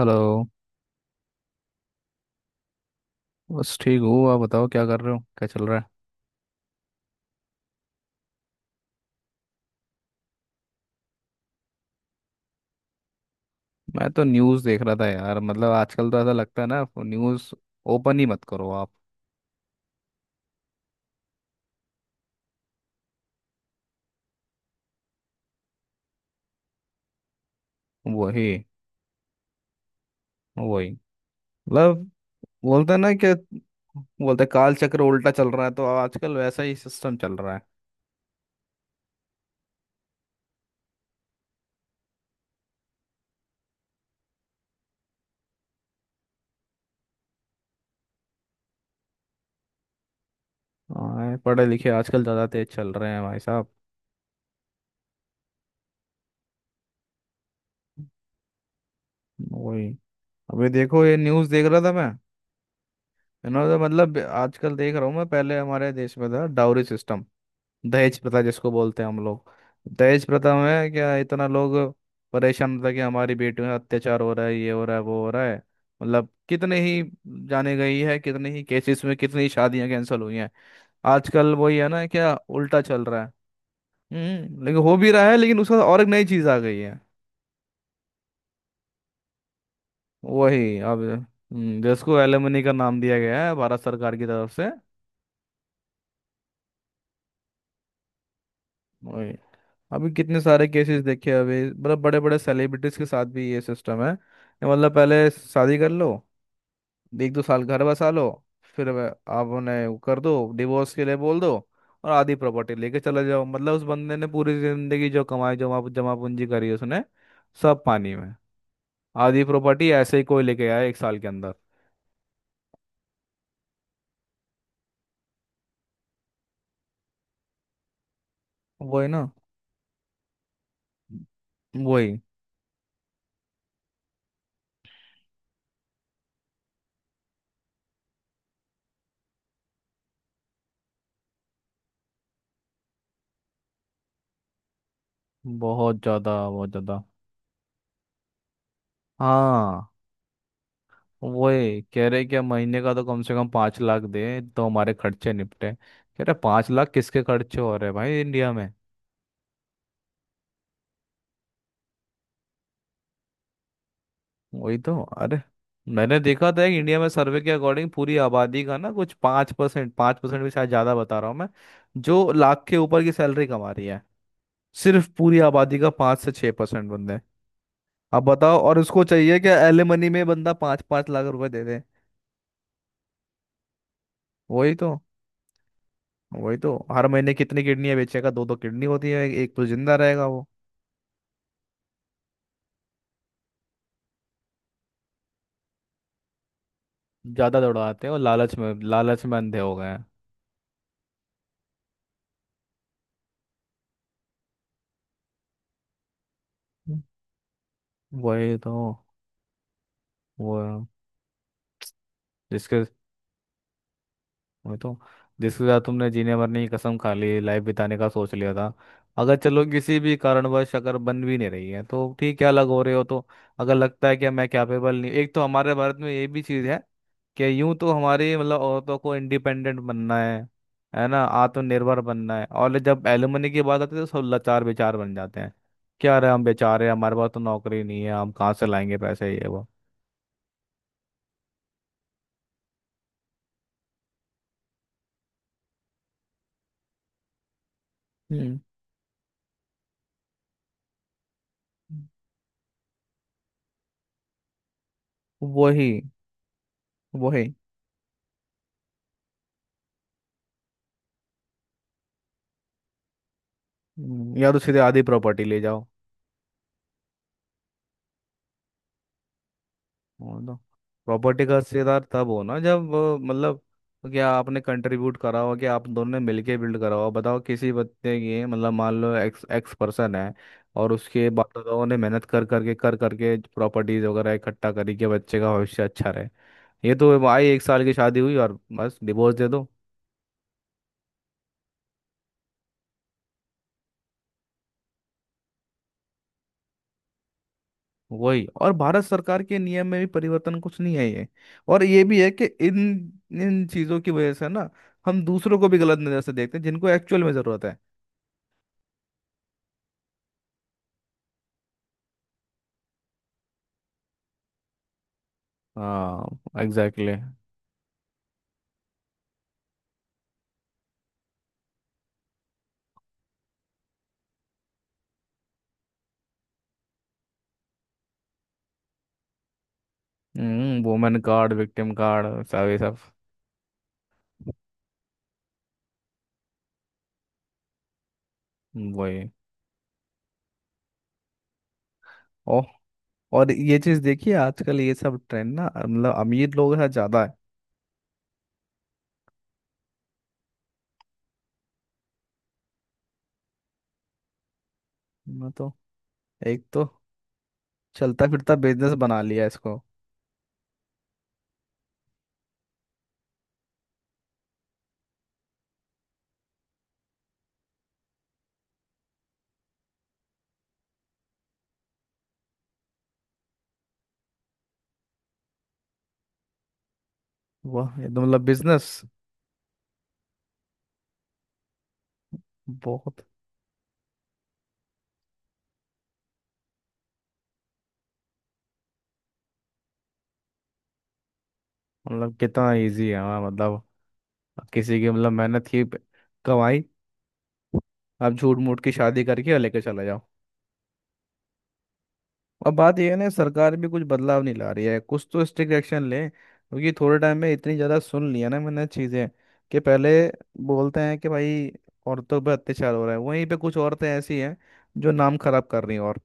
Hello. बस ठीक हूँ। आप बताओ क्या कर रहे हो, क्या चल रहा है? मैं तो न्यूज़ देख रहा था यार। मतलब आजकल तो ऐसा लगता है ना, न्यूज़ ओपन ही मत करो आप। वही, वही। मतलब बोलते हैं ना कि बोलते हैं, काल चक्र उल्टा चल रहा है, तो आजकल वैसा ही सिस्टम चल रहा है। हाँ, पढ़े लिखे आजकल ज़्यादा तेज चल रहे हैं भाई साहब। वही। अभी देखो, ये न्यूज़ देख रहा था मैं। इन्होंने तो मतलब आजकल देख रहा हूँ मैं, पहले हमारे देश में था डाउरी सिस्टम। दहेज प्रथा, जिसको बोलते हैं हम लोग। दहेज प्रथा में क्या इतना लोग परेशान होता है कि हमारी बेटियों में अत्याचार हो रहा है, ये हो रहा है, वो हो रहा है। मतलब कितने ही जाने गई है, कितने ही केसेस में कितनी ही शादियां कैंसिल हुई हैं। आजकल वही है ना, क्या उल्टा चल रहा है। हम्म, लेकिन हो भी रहा है, लेकिन उसके साथ और एक नई चीज आ गई है। वही अब। जिसको एलिमनी का नाम दिया गया है भारत सरकार की तरफ से। अभी कितने सारे केसेस देखे अभी, मतलब बड़े बड़े सेलिब्रिटीज के साथ भी ये सिस्टम है कि मतलब पहले शादी कर लो, 1-2 साल घर बसा लो, फिर आप उन्हें वो कर दो, डिवोर्स के लिए बोल दो। और आधी प्रॉपर्टी लेके चले जाओ। मतलब उस बंदे ने पूरी जिंदगी जो कमाई, जमा जमा पूंजी करी उसने, सब पानी में। आधी प्रॉपर्टी ऐसे ही कोई लेके आया 1 साल के अंदर। वही ना। वही। बहुत ज्यादा, बहुत ज्यादा। हाँ। वही कह रहे क्या, महीने का तो कम से कम 5 लाख दे तो हमारे खर्चे निपटे। कह रहे, 5 लाख किसके खर्चे हो रहे हैं भाई इंडिया में। वही तो। अरे मैंने देखा था कि इंडिया में सर्वे के अकॉर्डिंग पूरी आबादी का ना कुछ 5%, 5% भी शायद ज़्यादा बता रहा हूँ मैं। जो लाख के ऊपर की सैलरी कमा रही है। सिर्फ पूरी आबादी का 5 से 6% बंदे। अब बताओ, और उसको चाहिए कि एलिमनी में बंदा 5-5 लाख रुपए दे दे। वही तो। वही तो। हर महीने कितनी किडनियाँ बेचेगा, दो दो किडनी होती है, एक तो जिंदा रहेगा वो। ज्यादा दौड़ाते हैं और लालच में, लालच में अंधे हो गए हैं। वही तो। वो जिसके वही तो जिसके साथ तुमने जीने मरने की कसम खा ली, लाइफ बिताने का सोच लिया था। अगर चलो किसी भी कारणवश अगर बन भी नहीं रही है तो ठीक है, अलग हो रहे हो तो। अगर लगता है कि मैं कैपेबल नहीं। एक तो हमारे भारत में ये भी चीज़ है कि यूं तो हमारी मतलब औरतों को इंडिपेंडेंट बनना है ना, आत्मनिर्भर बनना है, और जब एलुमनी की बात आती है तो सब लाचार बेचार बन जाते हैं। क्या रहे, हम बेचारे, हमारे पास तो नौकरी नहीं है, हम कहाँ से लाएंगे पैसे, ये वो। हम्म। वही। वही। या तो सीधे आधी प्रॉपर्टी ले जाओ। और ना। प्रॉपर्टी का हिस्सेदार तब हो ना, जब मतलब, क्या आपने कंट्रीब्यूट करा हो, कि आप दोनों ने मिलके बिल्ड करा हो। बताओ, किसी बच्चे की, मतलब मान लो, एक्स एक्स पर्सन है। और उसके बाप दादाओं ने मेहनत कर करके प्रॉपर्टीज वगैरह इकट्ठा करी कि बच्चे का भविष्य अच्छा रहे। ये तो आई, 1 साल की शादी हुई और बस डिवोर्स दे दो। वही। और भारत सरकार के नियम में भी परिवर्तन कुछ नहीं है ये। और ये भी है कि इन इन चीज़ों की वजह से ना, हम दूसरों को भी गलत नज़र से देखते हैं जिनको एक्चुअल में ज़रूरत है। हाँ, exactly. Women card, victim card, सब ये सब। वही। ओ और ये चीज देखिए, आजकल ये सब ट्रेंड ना, मतलब अमीर लोग है ज्यादा है। मैं तो, एक तो चलता फिरता बिजनेस बना लिया इसको। वाह, ये तो मतलब बिजनेस। बहुत मतलब कितना इजी है, हाँ मतलब, किसी की, मतलब मेहनत की कमाई, आप झूठ मूठ की शादी करके और लेके चले जाओ। अब बात यह है ना, सरकार भी कुछ बदलाव नहीं ला रही है, कुछ तो स्ट्रिक्ट एक्शन ले, क्योंकि थोड़े टाइम में इतनी ज़्यादा सुन लिया ना मैंने चीज़ें, कि पहले बोलते हैं कि भाई औरतों पर अत्याचार हो रहा है, वहीं पे कुछ औरतें ऐसी हैं जो नाम खराब कर रही हैं और।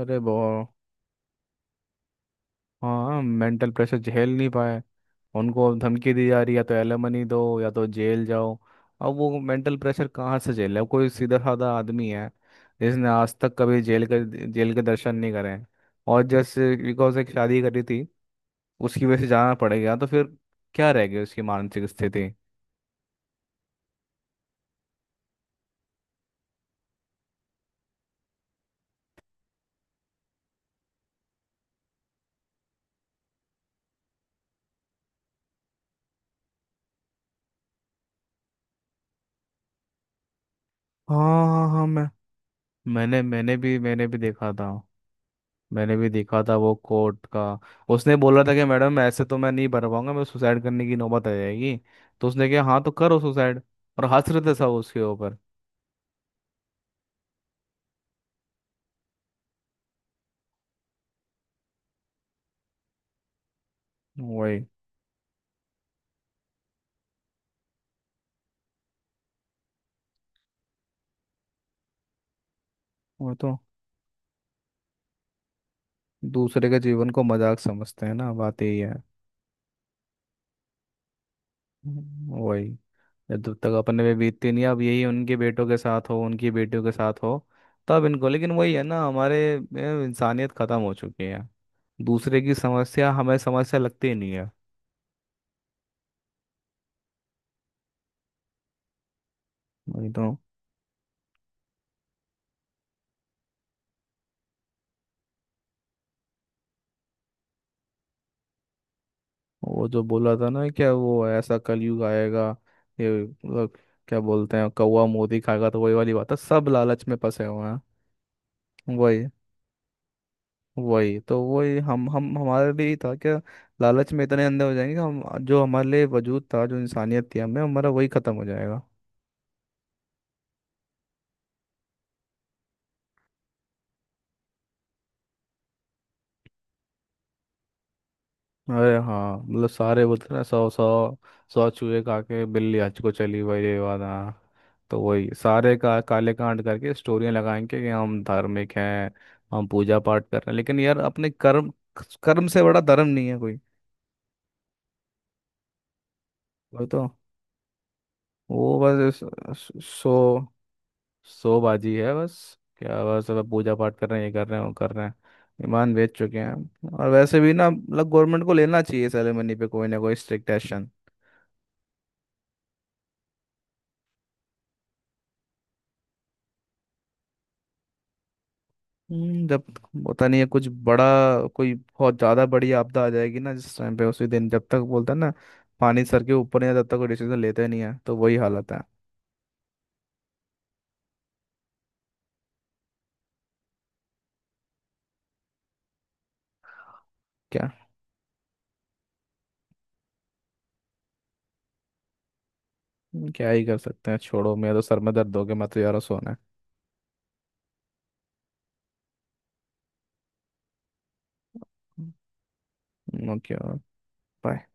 अरे बो हाँ, मेंटल प्रेशर झेल नहीं पाए। उनको अब धमकी दी जा रही है, या तो एलिमनी दो या तो जेल जाओ। अब वो मेंटल प्रेशर कहाँ से झेले, अब कोई सीधा साधा आदमी है जिसने आज तक कभी जेल के दर्शन नहीं करे हैं। और जैसे बिकॉज एक शादी करी थी, उसकी वजह से जाना पड़ेगा, तो फिर क्या रह गई उसकी मानसिक स्थिति। हाँ, हाँ, हाँ। मैंने मैंने भी मैंने भी देखा था मैंने भी देखा था वो कोर्ट का। उसने बोला था कि मैडम ऐसे तो मैं नहीं भर पाऊंगा, मैं सुसाइड करने की नौबत आ जाएगी। तो उसने कहा, हाँ, तो करो सुसाइड। और हंसरते सब उसके ऊपर। वही। वो तो दूसरे के जीवन को मजाक समझते हैं ना, बात यही है। वही। जब तक अपने पे बीतती नहीं, अब यही उनके बेटों के साथ हो, उनकी बेटियों के साथ हो, तब इनको। लेकिन वही है ना हमारे, इंसानियत खत्म हो चुकी है। दूसरे की समस्या हमें समस्या लगती ही नहीं है। वही तो। वो जो बोला था ना, क्या वो, ऐसा कलयुग आएगा, ये क्या बोलते हैं, कौवा मोदी खाएगा, तो वही वाली बात है, सब लालच में फंसे हुए हैं। वही। वही तो। वही हम हमारे लिए ही था क्या? लालच में इतने अंधे हो जाएंगे कि हम जो हमारे लिए वजूद था, जो इंसानियत थी हमें, हमारा वही खत्म हो जाएगा। अरे हाँ, मतलब सारे बोलते हैं ना, सौ सौ सौ चूहे खा के बिल्ली हज को चली भाई, ये वाला। तो वही, सारे का काले कांड करके स्टोरियाँ लगाएंगे कि हम धार्मिक हैं, हम पूजा पाठ कर रहे हैं, लेकिन यार अपने कर्म। कर्म से बड़ा धर्म नहीं है कोई। वो तो। वो बस सो बाजी है बस। क्या बस, अब पूजा पाठ कर रहे हैं, ये कर रहे हैं, वो कर रहे हैं। ईमान बेच चुके हैं, और वैसे भी ना, मतलब गवर्नमेंट को लेना चाहिए सेरेमनी पे कोई ना कोई स्ट्रिक्ट एक्शन। जब होता नहीं है कुछ बड़ा, कोई बहुत ज्यादा बड़ी आपदा आ जाएगी ना, जिस टाइम पे उसी दिन, जब तक बोलता है ना, पानी सर के ऊपर नहीं है, तब तक कोई डिसीजन लेते नहीं है, तो वही हालत है। क्या। क्या ही कर सकते हैं, छोड़ो। मेरा तो सर में दर्द हो गया, मैं तो यार सोना। है, ओके। बाय।